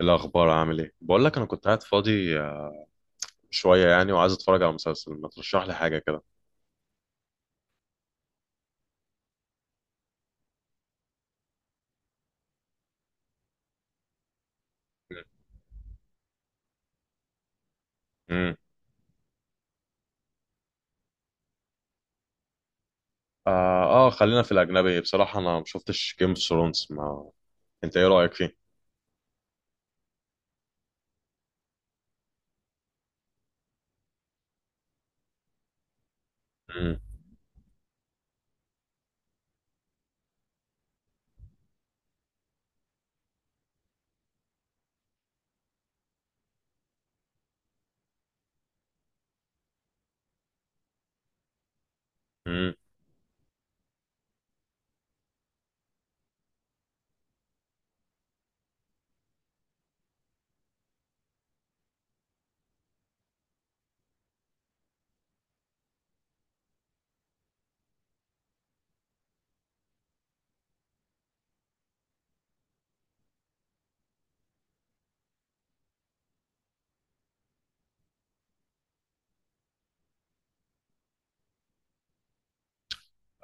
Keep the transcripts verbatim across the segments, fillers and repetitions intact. الأخبار عامل إيه؟ بقول لك أنا كنت قاعد فاضي آه، شوية يعني وعايز أتفرج على مسلسل ما ترشح لي حاجة كده. امم. آه, آه خلينا في الأجنبي. بصراحة أنا ما شفتش جيم اوف ثرونز. ما أنت إيه رأيك فيه؟ امم. امم.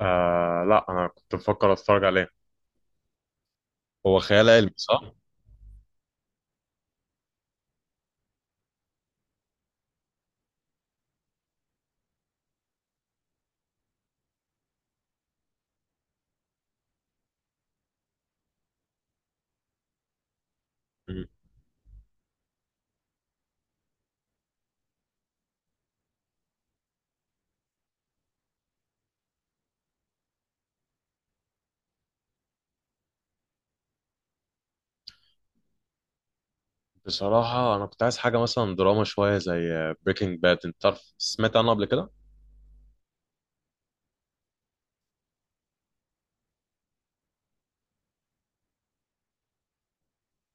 آه لا، أنا كنت بفكر أتفرج عليه. هو خيال علمي صح؟ مم. بصراحة أنا كنت عايز حاجة مثلا دراما شوية زي بريكنج باد. أنت عارف سمعت عنه قبل كده؟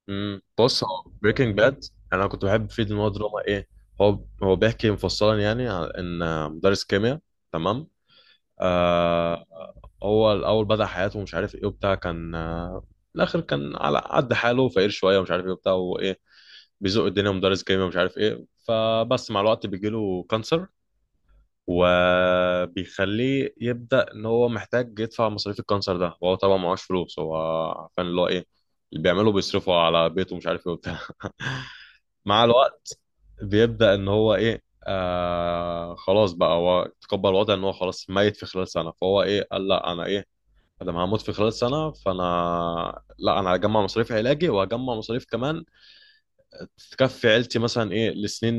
امم. بص، هو بريكنج باد انا كنت بحب فيه ان هو دراما ايه. هو هو بيحكي مفصلا يعني عن ان مدرس كيمياء. تمام. آه. هو الاول بدأ حياته ومش عارف ايه وبتاع كان آه، في الاخر كان على قد حاله فقير شويه ومش عارف ايه وبتاع وايه، بيزق الدنيا مدرس كيمياء ومش عارف ايه. فبس مع الوقت بيجيله كانسر وبيخليه يبدأ ان هو محتاج يدفع مصاريف الكانسر ده، وهو طبعا معهوش فلوس. هو عارفين اللي هو ايه، اللي بيعمله بيصرفه على بيته ومش عارف ايه وبتاع. مع الوقت بيبدأ ان هو ايه آه خلاص بقى، هو تقبل الوضع ان هو خلاص ميت في خلال سنة، فهو ايه قال لا، انا ايه انا هموت في خلال سنة، فانا لا، انا هجمع مصاريف علاجي وهجمع مصاريف كمان تكفي عيلتي مثلا ايه لسنين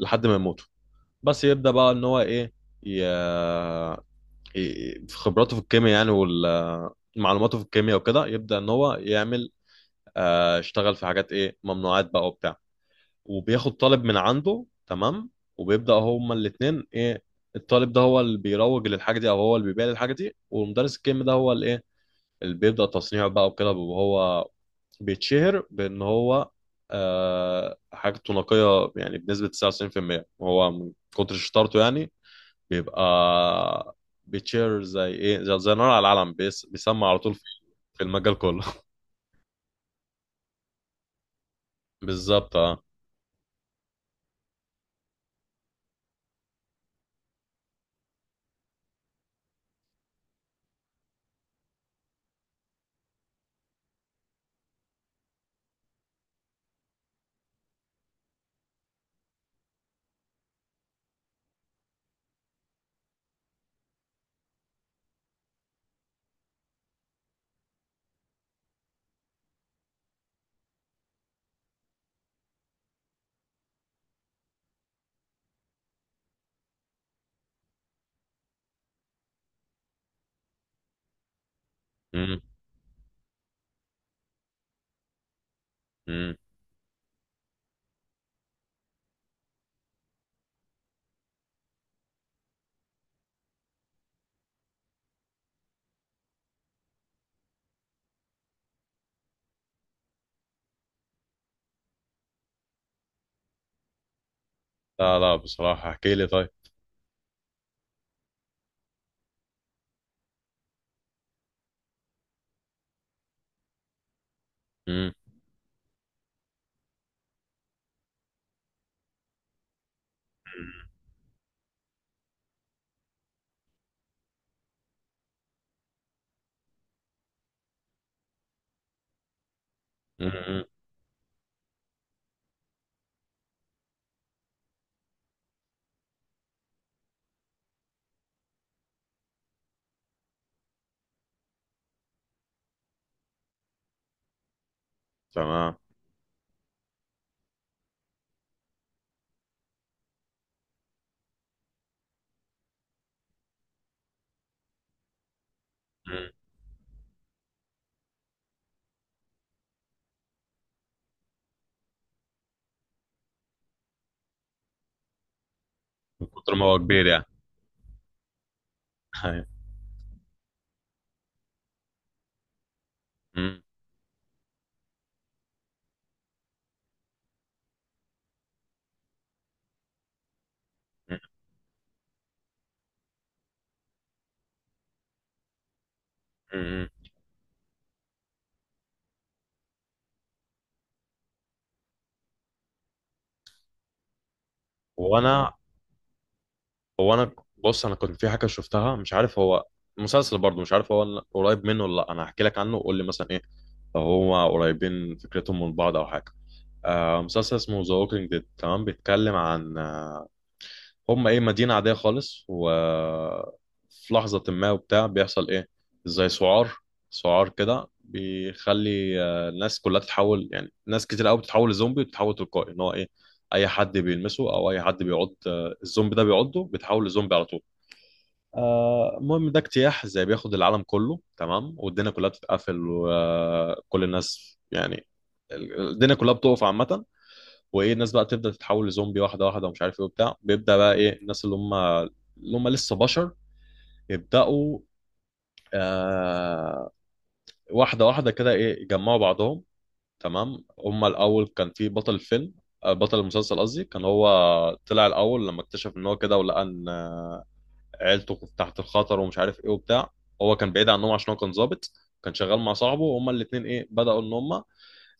لحد ما يموتوا. بس يبدأ بقى ان هو ايه ي... ي- في خبراته في الكيمياء يعني، ومعلوماته في الكيمياء وكده يبدأ ان هو يعمل آه، اشتغل في حاجات ايه ممنوعات بقى وبتاع، وبياخد طالب من عنده. تمام. وبيبدأ هما الاتنين ايه، الطالب ده هو اللي بيروج للحاجة دي او هو اللي بيبيع للحاجة دي، والمدرس الكيمياء ده هو اللي ايه اللي بيبدأ تصنيعه بقى وكده. وهو بيتشهر بان هو آه حاجته نقية يعني بنسبة تسعة وتسعين في المية هو من كتر شطارته يعني، بيبقى بيتشهر زي ايه، زي, زي نار على العلم. بيس بيسمع على طول في في المجال كله. بالظبط اه. مم، مم. لا لا بصراحة احكي لي طيب. مم، مم، مم. تمام. مم. من كتر ما هو كبير يعني. أيوة. مم. مم. مم. هو انا هو انا بص انا كنت في حاجه شفتها مش عارف هو مسلسل برضه، مش عارف هو قريب منه ولا لا. انا هحكي لك عنه وقول لي مثلا ايه لو هما قريبين فكرتهم من بعض او حاجه. آه مسلسل اسمه ذا ووكينج ديد. تمام. بيتكلم عن آه، هم ايه مدينة عادية خالص، و في لحظة ما وبتاع بيحصل ايه زي سعار، سعار كده بيخلي آه، الناس كلها تتحول. يعني ناس كتير قوي بتتحول لزومبي وبتتحول تلقائي، ان هو ايه اي حد بيلمسه او اي حد بيعض آه، الزومبي ده بيعضه بيتحول لزومبي على طول. آه، المهم ده اجتياح زي بياخد العالم كله. تمام. والدنيا كلها بتتقفل وكل الناس يعني، الدنيا كلها بتقف عامة. وايه الناس بقى بتبدا تتحول لزومبي واحده واحده ومش عارف ايه وبتاع. بيبدا بقى ايه الناس اللي هم اللي هم لسه بشر يبداوا آه واحده واحده كده ايه يجمعوا بعضهم. تمام. هم الاول كان في بطل الفيلم، آه، بطل المسلسل قصدي، كان هو طلع الاول لما اكتشف ان هو كده ولقى ان عيلته كانت تحت الخطر ومش عارف ايه وبتاع. هو كان بعيد عنهم عشان هو كان ظابط، كان شغال مع صاحبه. وهما الاثنين ايه بداوا ان هم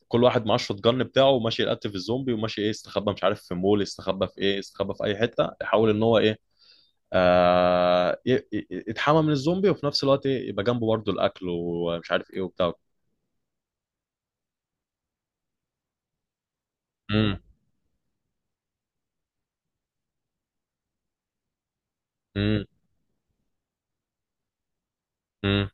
كل واحد معاه الشوت جن بتاعه وماشي يقتل الزومبي، وماشي ايه استخبى مش عارف في مول، استخبى في ايه استخبى في اي حته يحاول ان هو ايه آه ي- ي- يتحمى من الزومبي، وفي نفس الوقت ايه يبقى جنبه برضه الاكل ومش عارف ايه وبتاع. امم. امم. امم.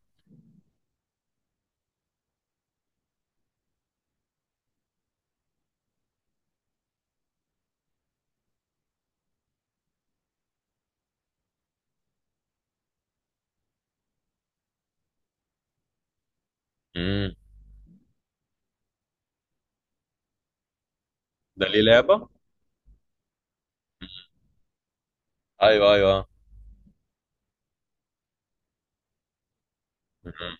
امم. ده ليه لعبه. ايوه ايوه. مم.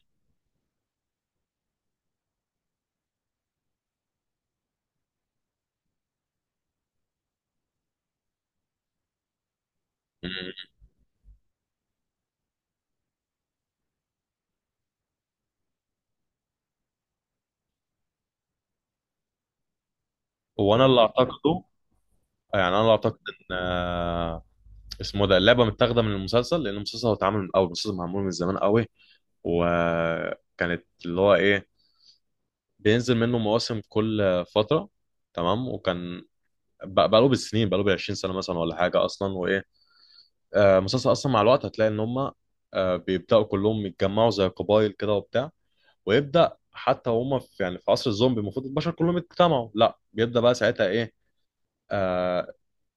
مم. هو انا اللي اعتقده يعني انا اللي اعتقد ان آه، اسمه ده اللعبه متاخده من المسلسل، لان المسلسل هو اتعمل من الاول. المسلسل معمول من زمان قوي، وكانت اللي هو ايه بينزل منه مواسم كل فترة. تمام. وكان بق- بقاله بالسنين، بقاله بالعشرين سنة مثلا ولا حاجة أصلا. وإيه آه مسلسل أصلا، مع الوقت هتلاقي إن هما آه بيبدأوا كلهم يتجمعوا زي قبايل كده وبتاع. ويبدأ حتى هما في يعني في عصر الزومبي المفروض البشر كلهم يتجمعوا، لا بيبدأ بقى ساعتها إيه آه،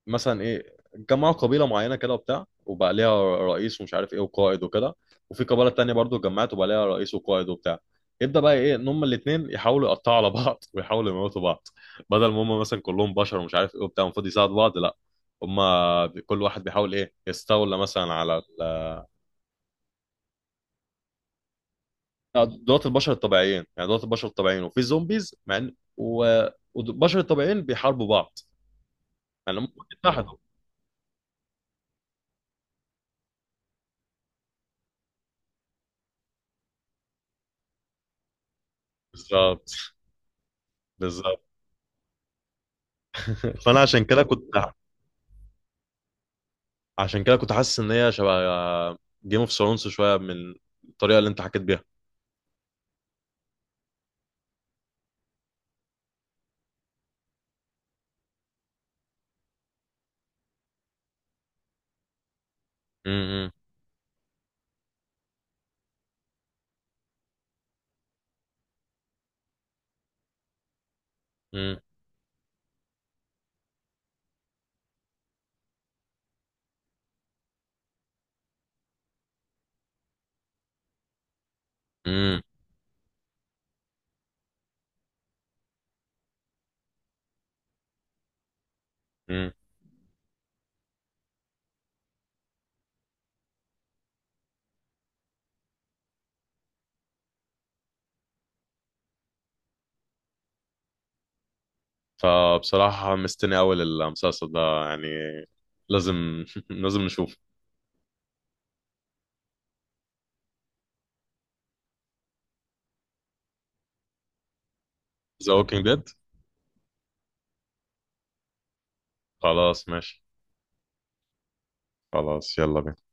مثلا ايه جمعوا قبيله معينه كده وبتاع وبقى ليها رئيس ومش عارف ايه وقائد وكده. وفي قبيله تانية برضو اتجمعت وبقى ليها رئيس وقائد وبتاع. يبدا بقى ايه ان هم الاثنين يحاولوا يقطعوا على بعض ويحاولوا يموتوا بعض، بدل ما هم مثلا كلهم بشر ومش عارف ايه وبتاع المفروض يساعدوا بعض. لا، هم كل واحد بيحاول ايه يستولى مثلا على ال- آه، دولات البشر الطبيعيين. يعني دولات البشر الطبيعيين وفي زومبيز مع ان و... والبشر الطبيعيين بيحاربوا بعض. يعني هم اتحدوا. بالظبط. بالظبط. فانا عشان كده كنت عشان كده كنت حاسس ان هي شبه جيم اوف ثرونز شويه من الطريقه اللي انت حكيت بيها. امم. امم. امم. امم. فبصراحه مستني اول المسلسل ده يعني، لازم لازم نشوف ذا ووكينج ديد. خلاص ماشي. خلاص يلا بينا.